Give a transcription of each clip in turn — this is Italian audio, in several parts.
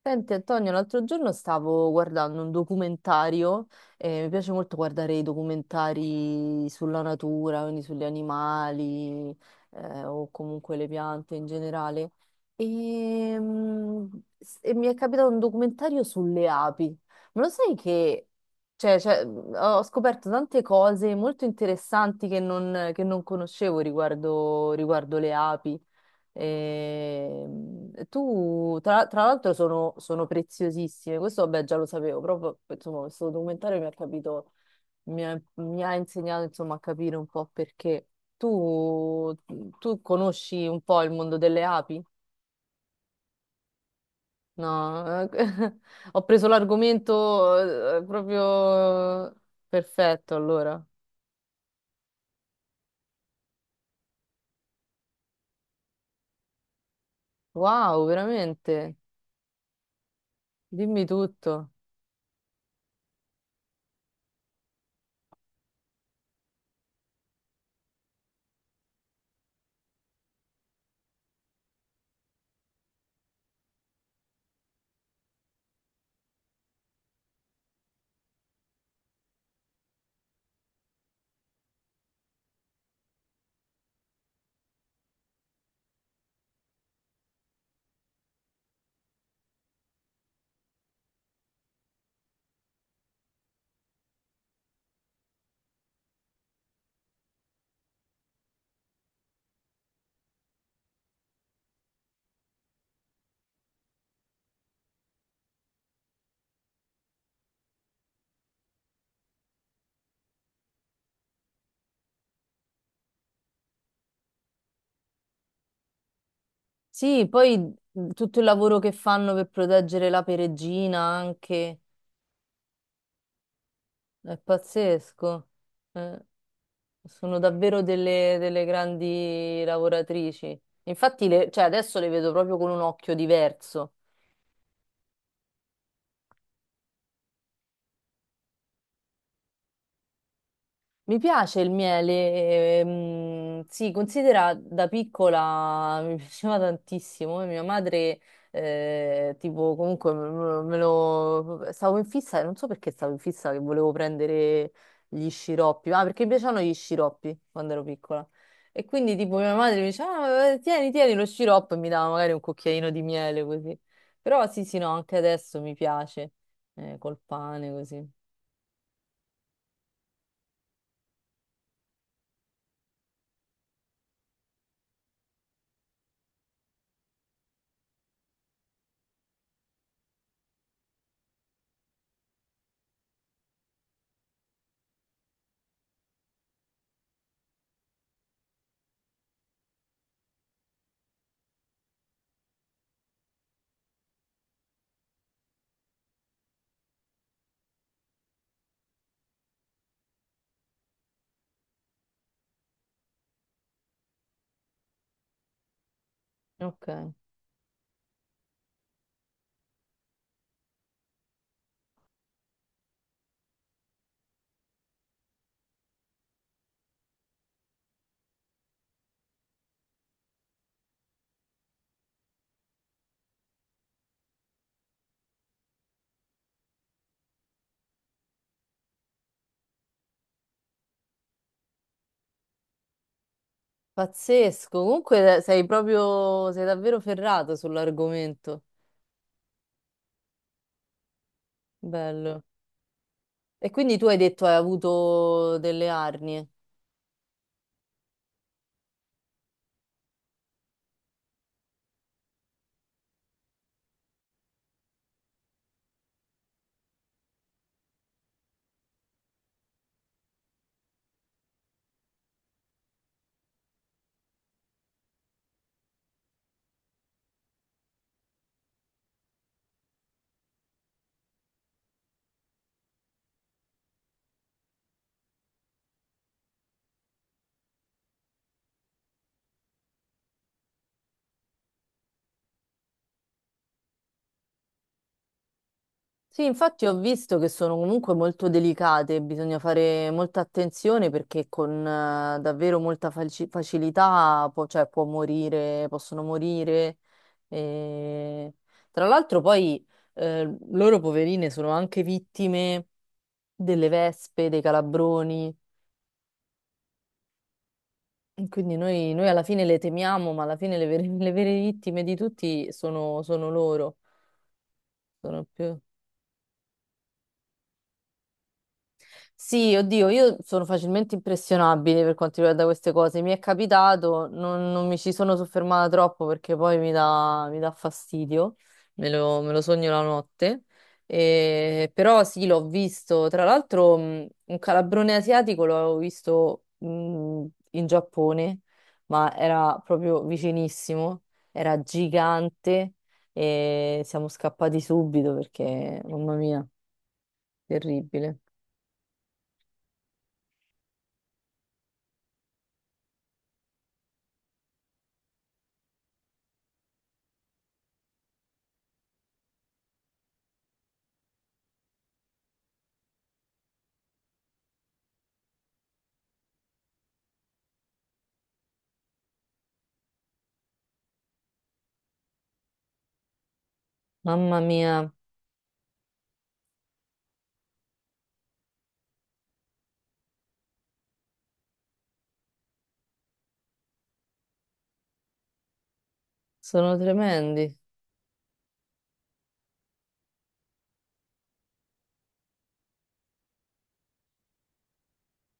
Senti Antonio, l'altro giorno stavo guardando un documentario, mi piace molto guardare i documentari sulla natura, quindi sugli animali, o comunque le piante in generale, e, mm, e mi è capitato un documentario sulle api. Ma lo sai che ho scoperto tante cose molto interessanti che non conoscevo riguardo le api. Tra l'altro, sono preziosissime. Questo, vabbè, già lo sapevo, proprio, insomma, questo documentario mi ha capito, mi ha insegnato, insomma, a capire un po' perché. Tu, Tu conosci un po' il mondo delle api? No, ho preso l'argomento proprio perfetto, allora. Wow, veramente? Dimmi tutto. Sì, poi tutto il lavoro che fanno per proteggere la peregina anche è pazzesco. Eh, Sono davvero delle, delle grandi lavoratrici. Infatti, adesso le vedo proprio con un occhio diverso. Mi piace il miele, sì, considera da piccola mi piaceva tantissimo. E mia madre, tipo, comunque stavo in fissa, non so perché stavo in fissa che volevo prendere gli sciroppi, ma perché mi piacevano gli sciroppi quando ero piccola. E quindi, tipo, mia madre mi diceva, "Ah, tieni, tieni lo sciroppo e mi dava magari un cucchiaino di miele così." Però sì, sì, no, anche adesso mi piace, col pane così. Ok. Pazzesco, comunque sei proprio, sei davvero ferrato sull'argomento. Bello. E quindi tu hai detto hai avuto delle arnie. Sì, infatti ho visto che sono comunque molto delicate, bisogna fare molta attenzione perché con davvero molta facilità può morire, possono morire. E... Tra l'altro poi loro poverine sono anche vittime delle vespe, dei calabroni. Quindi noi alla fine le temiamo, ma alla fine le vere, le vere vittime di tutti sono loro. Sono più... Sì, oddio, io sono facilmente impressionabile per quanto riguarda queste cose. Mi è capitato, non mi ci sono soffermata troppo perché poi mi dà fastidio, me lo sogno la notte. Però sì, l'ho visto. Tra l'altro, un calabrone asiatico l'avevo visto in Giappone, ma era proprio vicinissimo, era gigante e siamo scappati subito perché, mamma mia, terribile. Mamma mia. Sono tremendi.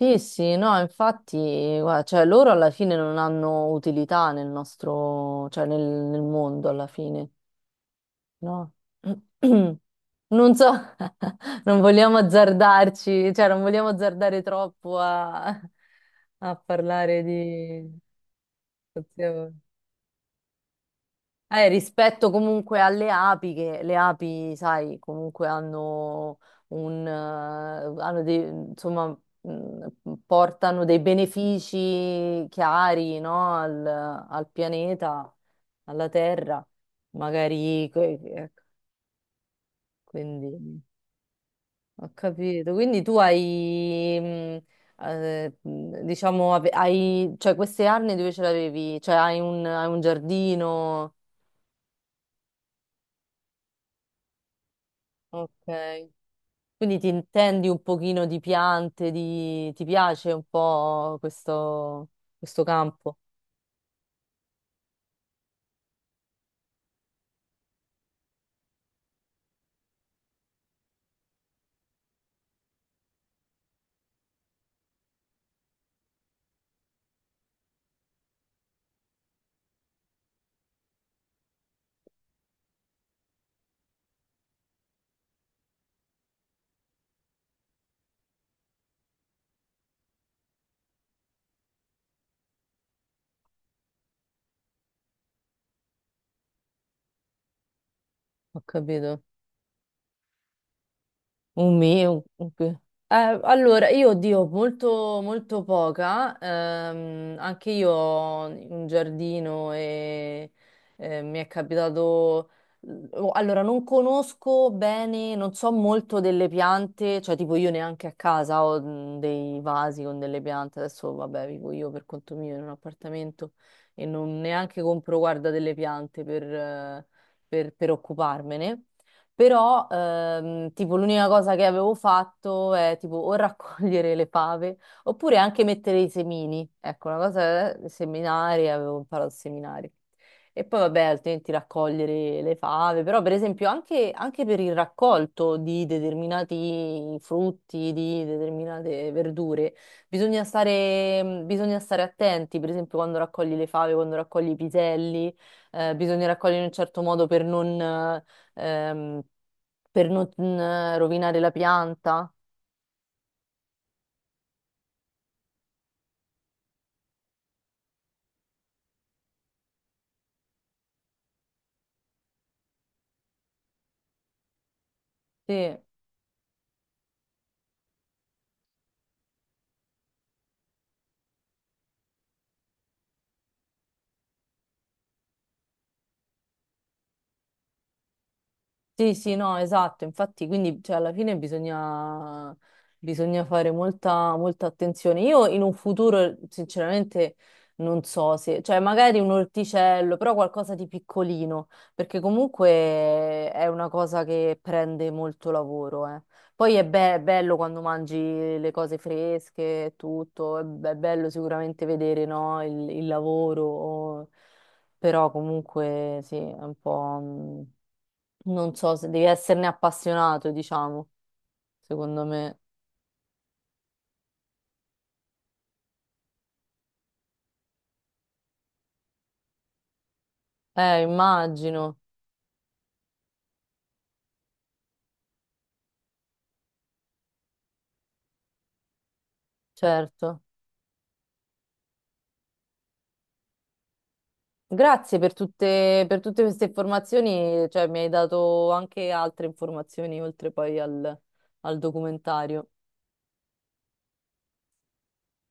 Sì, sì, no, infatti, guarda, cioè, loro alla fine non hanno utilità nel nostro, nel mondo alla fine, no? Non so, non vogliamo azzardarci, cioè non vogliamo azzardare troppo a, a parlare di... rispetto comunque alle api, che le api, sai, comunque hanno un, hanno dei, insomma, portano dei benefici chiari, no, al pianeta, alla Terra, magari, ecco, quindi ho capito. Quindi tu hai, diciamo, hai, cioè queste arnie dove ce l'avevi? Cioè hai un giardino? Ok. Quindi ti intendi un pochino di piante, di... ti piace un po' questo campo? Ho capito. Un mio. Un che- allora, io oddio, molto, molto poca. Anche io ho un giardino e mi è capitato. Oh, Allora, non conosco bene, non so molto delle piante, cioè tipo io neanche a casa ho mm, dei vasi con delle piante. Adesso, vabbè, vivo io per conto mio in un appartamento e non neanche compro, guarda, delle piante per occuparmene. Però, tipo, l'unica cosa che avevo fatto è tipo o raccogliere le fave oppure anche mettere i semini. Ecco, una cosa è seminari, avevo imparato a seminare. E poi, vabbè, altrimenti raccogliere le fave. Però, per esempio, anche, anche per il raccolto di determinati frutti, di determinate verdure, bisogna stare attenti. Per esempio, quando raccogli le fave, quando raccogli i piselli, bisogna raccogliere in un certo modo per non. Ehm, per non mm, rovinare la pianta. Sì. Sì, sì, no, esatto, infatti, quindi cioè, alla fine bisogna, bisogna fare molta, molta attenzione. Io in un futuro, sinceramente, non so se, cioè magari un orticello, però qualcosa di piccolino, perché comunque è una cosa che prende molto lavoro, eh. Poi bello quando mangi le cose fresche e tutto, è, è bello sicuramente vedere, no, il lavoro, però comunque sì, è un po'... mm, non so se devi esserne appassionato, diciamo, secondo me. Immagino, certo. Grazie per tutte queste informazioni, cioè mi hai dato anche altre informazioni oltre poi al al documentario.